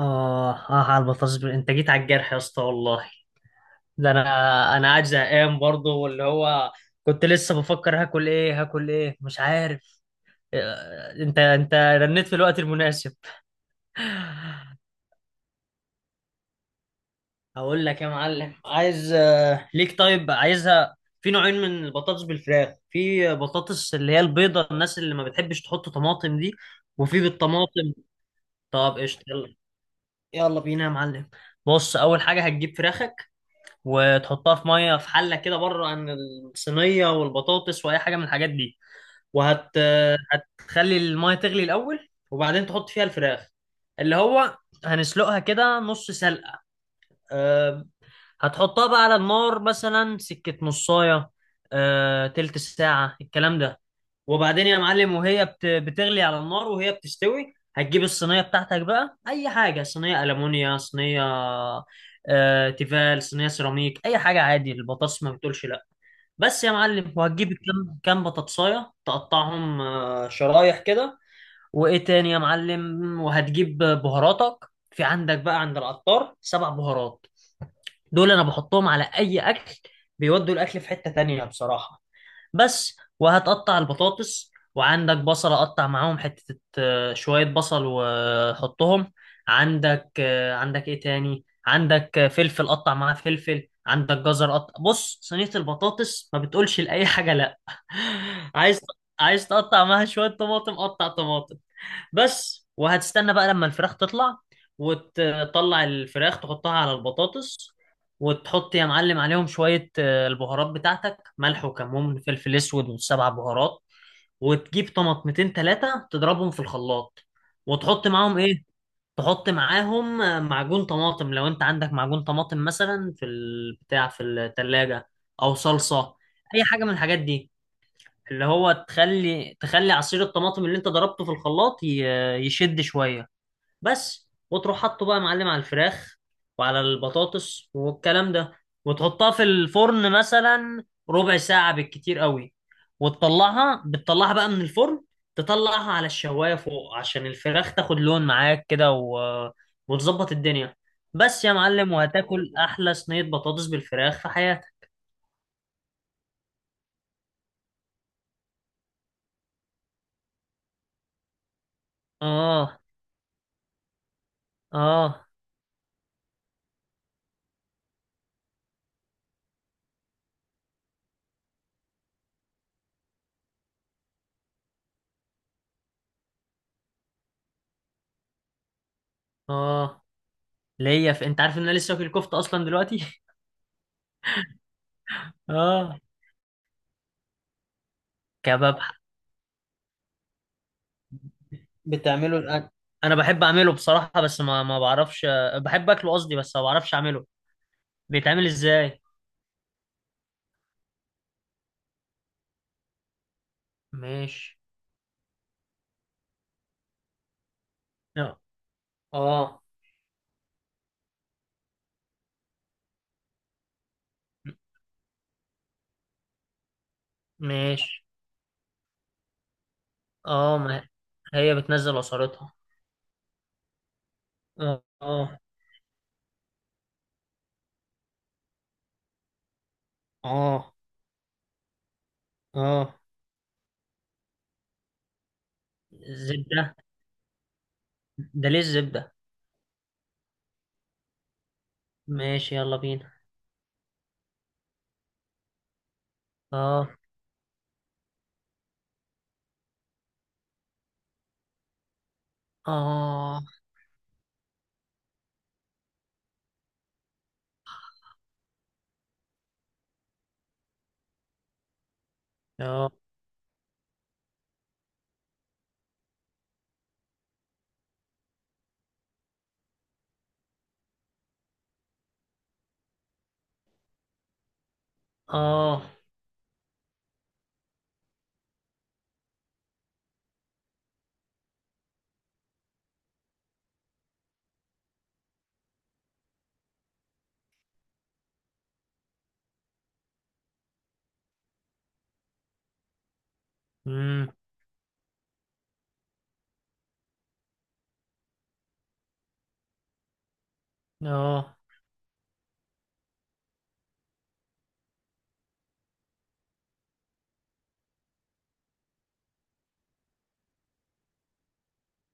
آه آه، على البطاطس أنت جيت على الجرح يا اسطى والله. ده أنا، أنا قاعد زهقان برضه واللي هو كنت لسه بفكر هاكل إيه، هاكل إيه مش عارف. أنت رنيت في الوقت المناسب. هقول لك يا معلم، عايز ليك. طيب عايزها في نوعين من البطاطس بالفراخ، في بطاطس اللي هي البيضة، الناس اللي ما بتحبش تحط طماطم دي، وفي بالطماطم. طب قشطة، يلا، يلا بينا يا معلم. بص، أول حاجة هتجيب فراخك وتحطها في ميه في حله كده، بره عن الصينيه والبطاطس واي حاجه من الحاجات دي. وهت هتخلي الميه تغلي الاول، وبعدين تحط فيها الفراخ، اللي هو هنسلقها كده نص سلقه. أه، هتحطها بقى على النار مثلا سكه نصايه، تلت ساعه الكلام ده. وبعدين يا معلم وهي بتغلي على النار وهي بتستوي، هتجيب الصينية بتاعتك بقى، أي حاجة، صينية ألمونيا، صينية تيفال، صينية سيراميك، أي حاجة عادي، البطاطس ما بتقولش لأ. بس يا معلم، وهتجيب كام كام بطاطساية، تقطعهم شرايح كده. وإيه تاني يا معلم، وهتجيب بهاراتك، في عندك بقى عند العطار سبع بهارات، دول أنا بحطهم على أي أكل، بيودوا الأكل في حتة تانية بصراحة. بس وهتقطع البطاطس، وعندك بصلة قطع معاهم حتة، شوية بصل وحطهم. عندك عندك ايه تاني، عندك فلفل، قطع معاه فلفل، عندك جزر قطع. بص، صينية البطاطس ما بتقولش لأي حاجة لا. عايز، عايز تقطع معاها شوية طماطم، قطع طماطم. بس وهتستنى بقى لما الفراخ تطلع، وتطلع الفراخ تحطها على البطاطس، وتحط يا معلم عليهم شوية البهارات بتاعتك، ملح وكمون فلفل اسود وسبع بهارات. وتجيب طماطمتين تلاتة، تضربهم في الخلاط، وتحط معاهم ايه، تحط معاهم معجون طماطم، لو انت عندك معجون طماطم مثلا في البتاع في التلاجة، او صلصة، اي حاجة من الحاجات دي، اللي هو تخلي عصير الطماطم اللي انت ضربته في الخلاط يشد شوية. بس وتروح حاطه بقى يا معلم على الفراخ وعلى البطاطس والكلام ده، وتحطها في الفرن مثلا ربع ساعة بالكتير قوي. وتطلعها، بتطلعها بقى من الفرن، تطلعها على الشواية فوق عشان الفراخ تاخد لون معاك كده وتظبط الدنيا. بس يا معلم، وهتاكل احلى صينية بطاطس بالفراخ في حياتك. اه. اه. اه، ليا في، انت عارف ان انا لسه واكل كفته اصلا دلوقتي. اه. كباب. بتعمله الآن. انا بحب اعمله بصراحه، بس ما بعرفش، بحب اكله قصدي، بس ما بعرفش اعمله، بيتعمل ازاي؟ ماشي. لا، اه. ماشي. اه، ما هي بتنزل عصارتها. اه اه. اه اه. زبده، ده ليه الزبده؟ ماشي يلا بينا. اه. اه. اه. اه. امم. اه.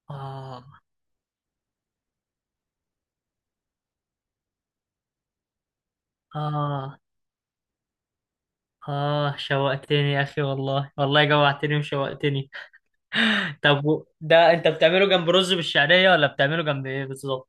اه. اه آه شوقتني يا أخي، والله والله جوعتني وشوقتني. طب ده أنت بتعمله جنب رز بالشعرية، ولا بتعمله جنب إيه بالظبط؟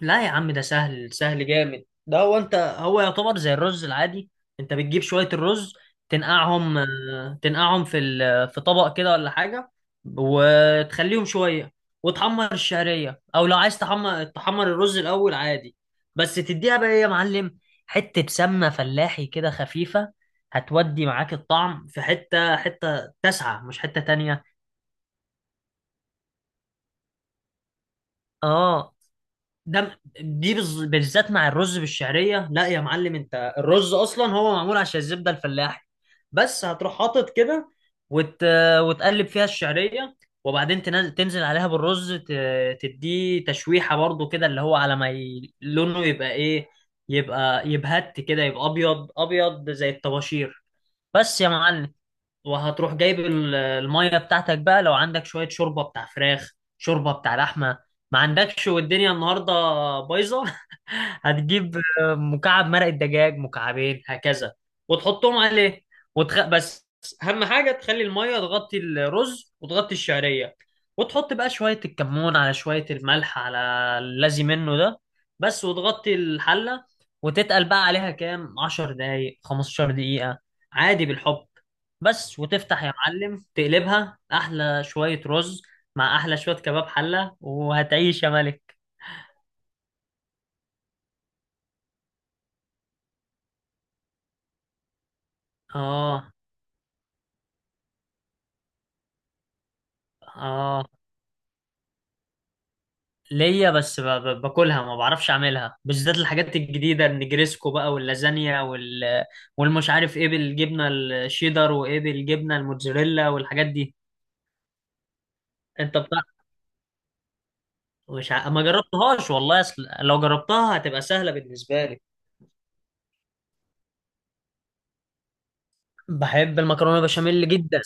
لا يا عم، ده سهل، سهل جامد، ده هو انت، هو يعتبر زي الرز العادي. انت بتجيب شوية الرز، تنقعهم، تنقعهم في في طبق كده ولا حاجة، وتخليهم شوية. وتحمر الشعرية، او لو عايز تحمر، تحمر الرز الاول عادي. بس تديها بقى ايه يا معلم، حتة سمنة فلاحي كده خفيفة، هتودي معاك الطعم في حتة، حتة تسعة مش حتة تانية. اه، ده دي بالذات مع الرز بالشعريه. لا يا معلم، انت الرز اصلا هو معمول عشان الزبده الفلاحي. بس هتروح حاطط كده، وت... وتقلب فيها الشعريه، وبعدين تنزل عليها بالرز، تديه تشويحه برضو كده، اللي هو على ما لونه يبقى ايه، يبقى يبهت كده، يبقى ابيض ابيض زي الطباشير. بس يا معلم، وهتروح جايب الميه بتاعتك بقى، لو عندك شويه شوربه بتاع فراخ، شوربه بتاع لحمه، ما عندكش، والدنيا النهارده بايظه. هتجيب مكعب مرق الدجاج، مكعبين هكذا، وتحطهم عليه. بس، اهم حاجه تخلي الميه تغطي الرز وتغطي الشعريه، وتحط بقى شويه الكمون على شويه الملح، على اللازم منه ده. بس وتغطي الحله، وتتقل بقى عليها كام 10 دقايق، 15 دقيقه، عادي بالحب. بس وتفتح يا معلم، تقلبها احلى شوية رز مع احلى شوية كباب حلة، وهتعيش يا ملك. اه. اه، ليا، بس باكلها، ما بعرفش اعملها، بالذات الحاجات الجديدة، النجريسكو بقى واللازانيا وال، والمش عارف ايه بالجبنة الشيدر، وايه بالجبنة الموتزاريلا، والحاجات دي. انت بتاع. مش ع... ما جربتهاش والله، اصل لو جربتها هتبقى سهلة بالنسبة لي. بحب المكرونة بشاميل جدا.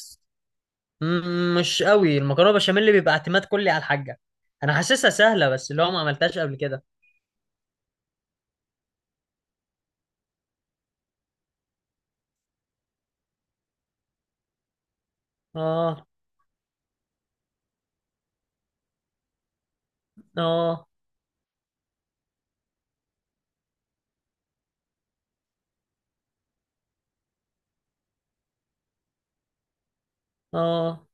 مم، مش قوي، المكرونه بشاميل اللي بيبقى اعتماد كلي على الحاجه، انا حاسسها سهله، بس اللي هو ما عملتهاش قبل كده. اه. اه. اه.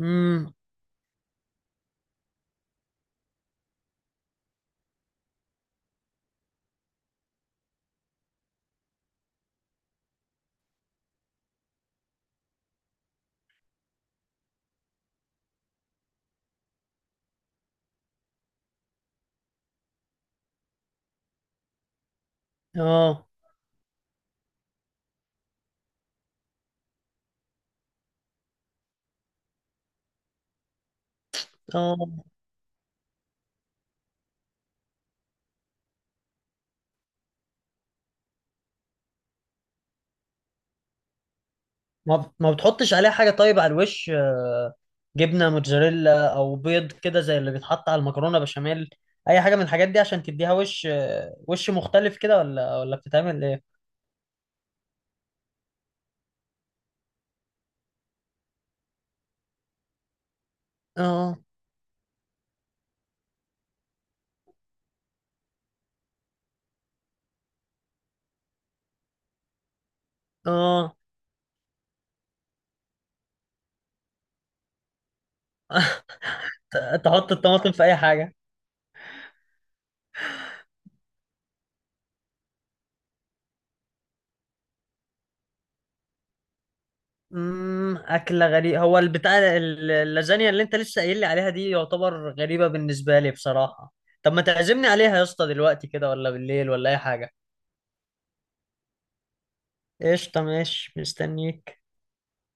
امم. اه. اه. ما بتحطش عليها حاجه طيب على الوش، جبنه موتزاريلا او بيض كده زي اللي بيتحط على المكرونه بشاميل، اي حاجه من الحاجات دي عشان تديها وش، وش مختلف كده، ولا بتتعمل ايه؟ اه. اه. تحط الطماطم في اي حاجه. امم، اكله غريبه، هو البتاع اللازانيا اللي انت لسه قايل لي عليها دي، يعتبر غريبه بالنسبه لي بصراحه. طب ما تعزمني عليها يا اسطى دلوقتي كده، ولا بالليل، ولا اي حاجه؟ قشطه، ماشي، مستنيك.